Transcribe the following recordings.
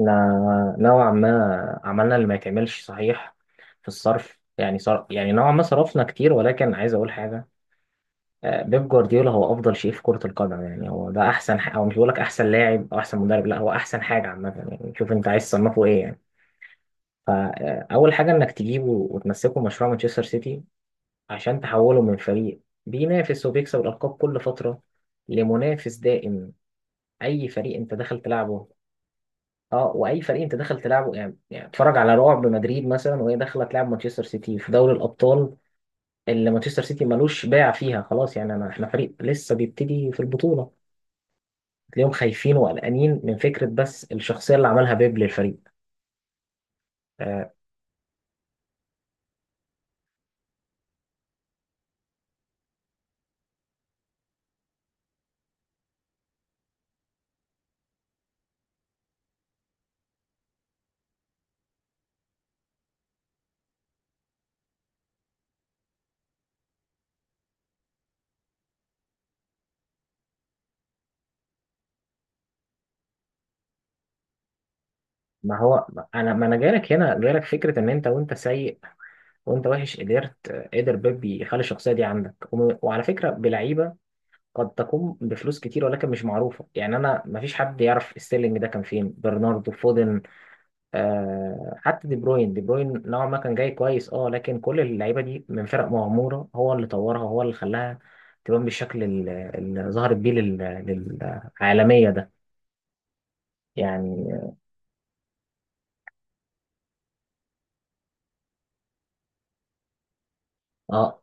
احنا نوعا ما عملنا اللي ما يتعملش صحيح في الصرف، يعني يعني نوعا ما صرفنا كتير، ولكن عايز اقول حاجه. بيب جوارديولا هو افضل شيء في كره القدم، يعني هو ده احسن او مش بقول لك احسن لاعب او احسن مدرب، لا هو احسن حاجه عامه، يعني شوف انت عايز تصنفه ايه يعني. فاول حاجه انك تجيبه وتمسكه مشروع مانشستر سيتي عشان تحوله من فريق بينافس وبيكسب الالقاب كل فتره لمنافس دائم اي فريق انت داخل تلعبه. اه واي فريق انت داخل تلعبه يعني اتفرج على رعب مدريد مثلا وهي داخله تلعب مانشستر سيتي في دوري الابطال، اللي مانشستر سيتي ملوش باع فيها خلاص، يعني انا احنا فريق لسه بيبتدي في البطوله، تلاقيهم خايفين وقلقانين من فكره، بس الشخصيه اللي عملها بيب للفريق. آه، ما هو ما انا جايلك هنا جايلك فكره ان انت وانت سيء وانت وحش، قدر بيب يخلي الشخصيه دي عندك، وعلى فكره بلعيبه قد تقوم بفلوس كتير، ولكن مش معروفه، يعني انا ما فيش حد يعرف ستيرلينج، ده كان فين برناردو فودن، آه حتى دي بروين نوعا ما كان جاي كويس. اه لكن كل اللعيبه دي من فرق مغموره، هو اللي طورها، هو اللي خلاها تبان بالشكل اللي ظهرت بيه للعالميه ده، يعني. اه،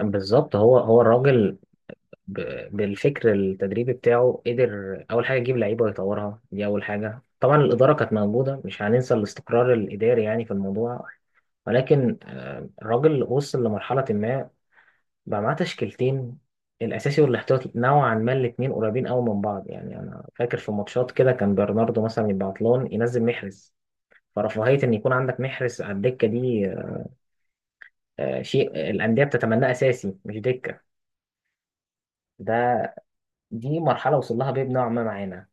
بالظبط، هو الراجل، بالفكر التدريبي بتاعه قدر اول حاجه يجيب لعيبه ويطورها، دي اول حاجه. طبعا الاداره كانت موجوده، مش هننسى الاستقرار الاداري يعني في الموضوع، ولكن الراجل وصل لمرحله ما بقى معاه تشكيلتين، الاساسي والاحتياطي، نوعا ما الاثنين قريبين قوي من بعض. يعني انا فاكر في ماتشات كده كان برناردو مثلا يبقى عطلان ينزل محرز، فرفاهية ان يكون عندك محرز على الدكة دي، شيء الاندية بتتمناه اساسي مش دكة ده. دي مرحلة وصل لها بيب نوعا ما معانا.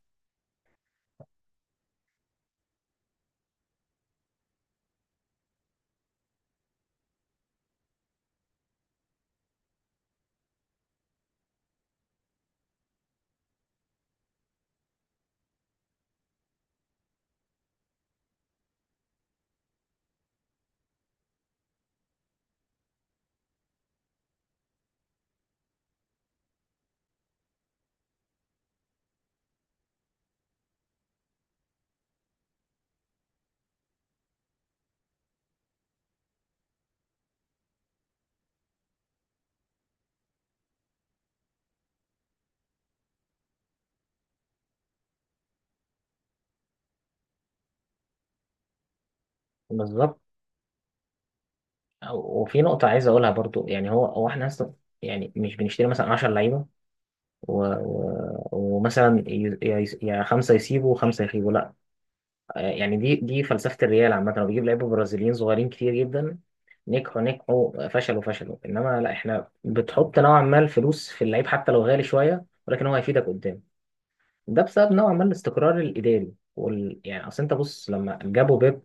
بالظبط. وفي نقطة عايز اقولها برضو، يعني هو احنا أصلاً يعني مش بنشتري مثلا 10 لعيبة ومثلا يا خمسة يسيبوا وخمسة يخيبوا، لا. يعني دي فلسفة الريال عامة، هو بيجيب لعيبة برازيليين صغيرين كتير جدا، نجحوا نجحوا، فشلوا فشلوا. انما لا، احنا بتحط نوعا ما الفلوس في اللعيب حتى لو غالي شوية، ولكن هو هيفيدك قدام، ده بسبب نوعا ما الاستقرار الإداري يعني اصل انت بص لما جابوا بيب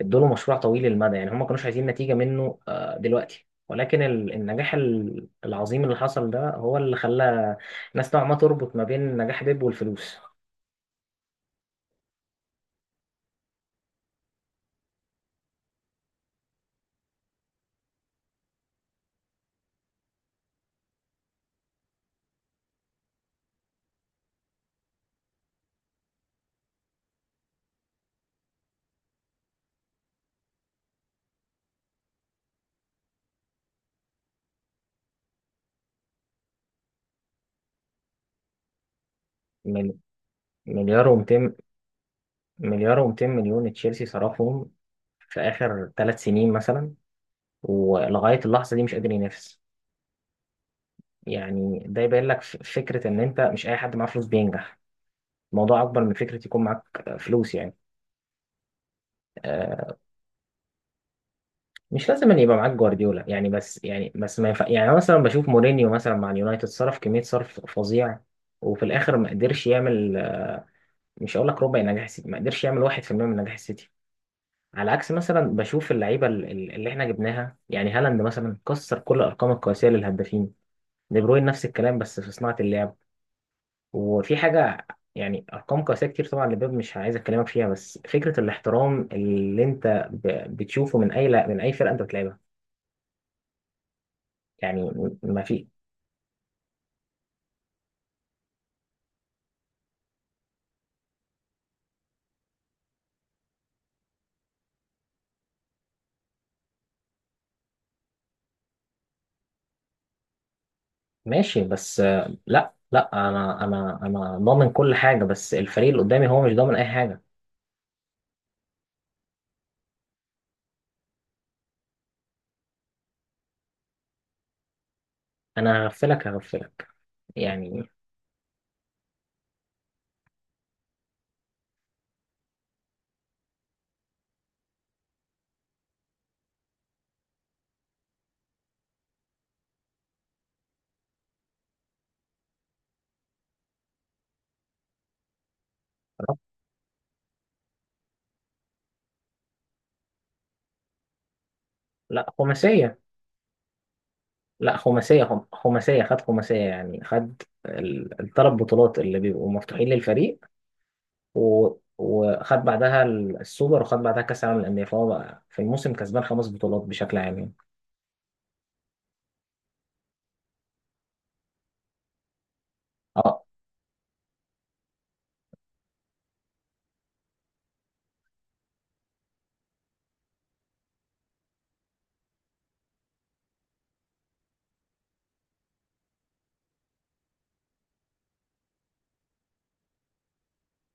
ادوا له مشروع طويل المدى، يعني هم ما كانوش عايزين نتيجة منه دلوقتي، ولكن النجاح العظيم اللي حصل ده هو اللي خلى الناس نوعا ما تربط ما بين نجاح بيب والفلوس. مل- مليار و200 مليار و200 مليون تشيلسي صرفهم في آخر 3 سنين مثلا، ولغاية اللحظة دي مش قادر ينافس. يعني ده يبين لك فكرة إن أنت مش أي حد معاه فلوس بينجح، الموضوع أكبر من فكرة يكون معاك فلوس يعني. آه، مش لازم أن يبقى معاك جوارديولا يعني، بس يعني بس ما ينفع. يعني أنا مثلا بشوف مورينيو مثلا مع اليونايتد صرف كمية، صرف فظيع وفي الآخر ما قدرش يعمل، مش هقول لك ربع نجاح السيتي، ما قدرش يعمل 1% من نجاح السيتي، على عكس مثلا بشوف اللعيبه اللي احنا جبناها، يعني هالاند مثلا كسر كل الارقام القياسيه للهدافين، دي بروين نفس الكلام بس في صناعه اللعب وفي حاجه، يعني ارقام قياسيه كتير طبعا لبيب مش عايز اكلمك فيها، بس فكره الاحترام اللي انت بتشوفه من اي من اي فرقه انت بتلعبها، يعني ما في. ماشي بس لا لا، انا انا ضامن كل حاجه، بس الفريق اللي قدامي هو مش ضامن اي حاجه. انا هغفلك يعني. لا خماسيه، لا خماسية، خماسية، خد خماسية، يعني خد الثلاث بطولات اللي بيبقوا مفتوحين للفريق، و... وخد بعدها السوبر، وخد بعدها كأس العالم للأندية، فهو بقى في الموسم كسبان خمس بطولات بشكل عام يعني. اه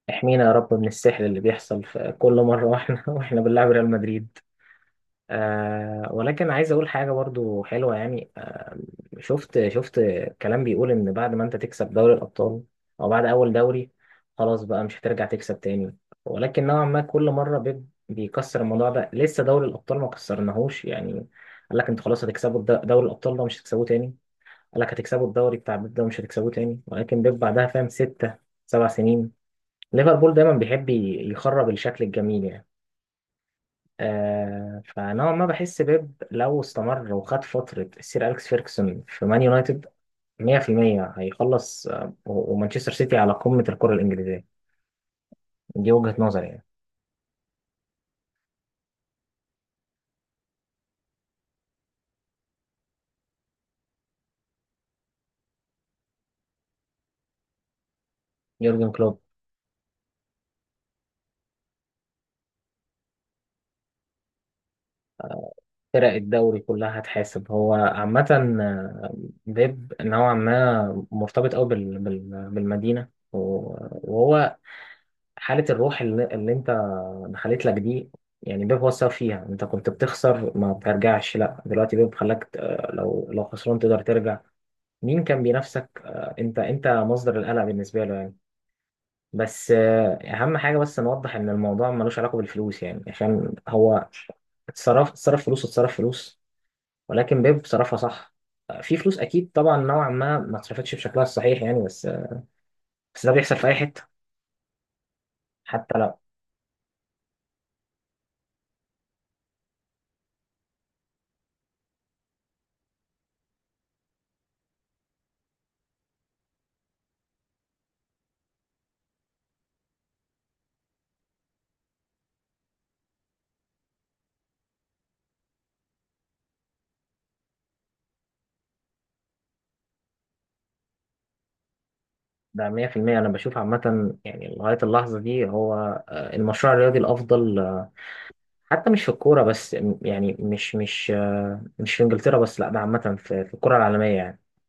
احمينا يا رب من السحر اللي بيحصل في كل مرة واحنا واحنا بنلعب ريال مدريد. ولكن عايز اقول حاجة برضو حلوة يعني، شفت شفت كلام بيقول ان بعد ما انت تكسب دوري الابطال او بعد اول دوري خلاص بقى مش هترجع تكسب تاني، ولكن نوعا ما كل مره بيب بيكسر الموضوع ده، لسه دوري الابطال ما كسرناهوش يعني. قال لك انتوا خلاص هتكسبوا دوري الابطال، ده مش هتكسبوه تاني. قال لك هتكسبوا الدوري بتاع بيب، ده مش هتكسبوه تاني، ولكن بيب بعدها فاهم. ستة 7 سنين ليفربول دايما بيحب يخرب الشكل الجميل يعني. فنوعا ما بحس بيب لو استمر وخد فترة السير أليكس فيركسون في مان يونايتد، 100% هيخلص، ومانشستر سيتي على قمة الكرة الإنجليزية، دي وجهة نظري يعني. يورجن كلوب، فرق الدوري كلها هتحاسب هو عامة. آه، بيب نوعا ما مرتبط أوي بالمدينة، وهو حالة الروح اللي أنت دخلت لك دي، يعني بيب هو السبب فيها. أنت كنت بتخسر ما بترجعش، لا، دلوقتي بيب خلاك لو خسران تقدر ترجع. مين كان بينافسك؟ أنت مصدر القلق بالنسبة له يعني. بس اهم حاجه بس نوضح ان الموضوع ملوش علاقه بالفلوس، يعني عشان هو اتصرف فلوس، ولكن بيب صرفها صح. في فلوس اكيد طبعا نوعا ما ما اتصرفتش بشكلها الصحيح، يعني بس بس ده بيحصل في اي حته، حتى لو. ده 100% انا بشوف عامه يعني لغايه اللحظه دي هو المشروع الرياضي الافضل، حتى مش في الكوره بس، يعني مش في انجلترا بس، لا ده عامه في الكره العالميه يعني.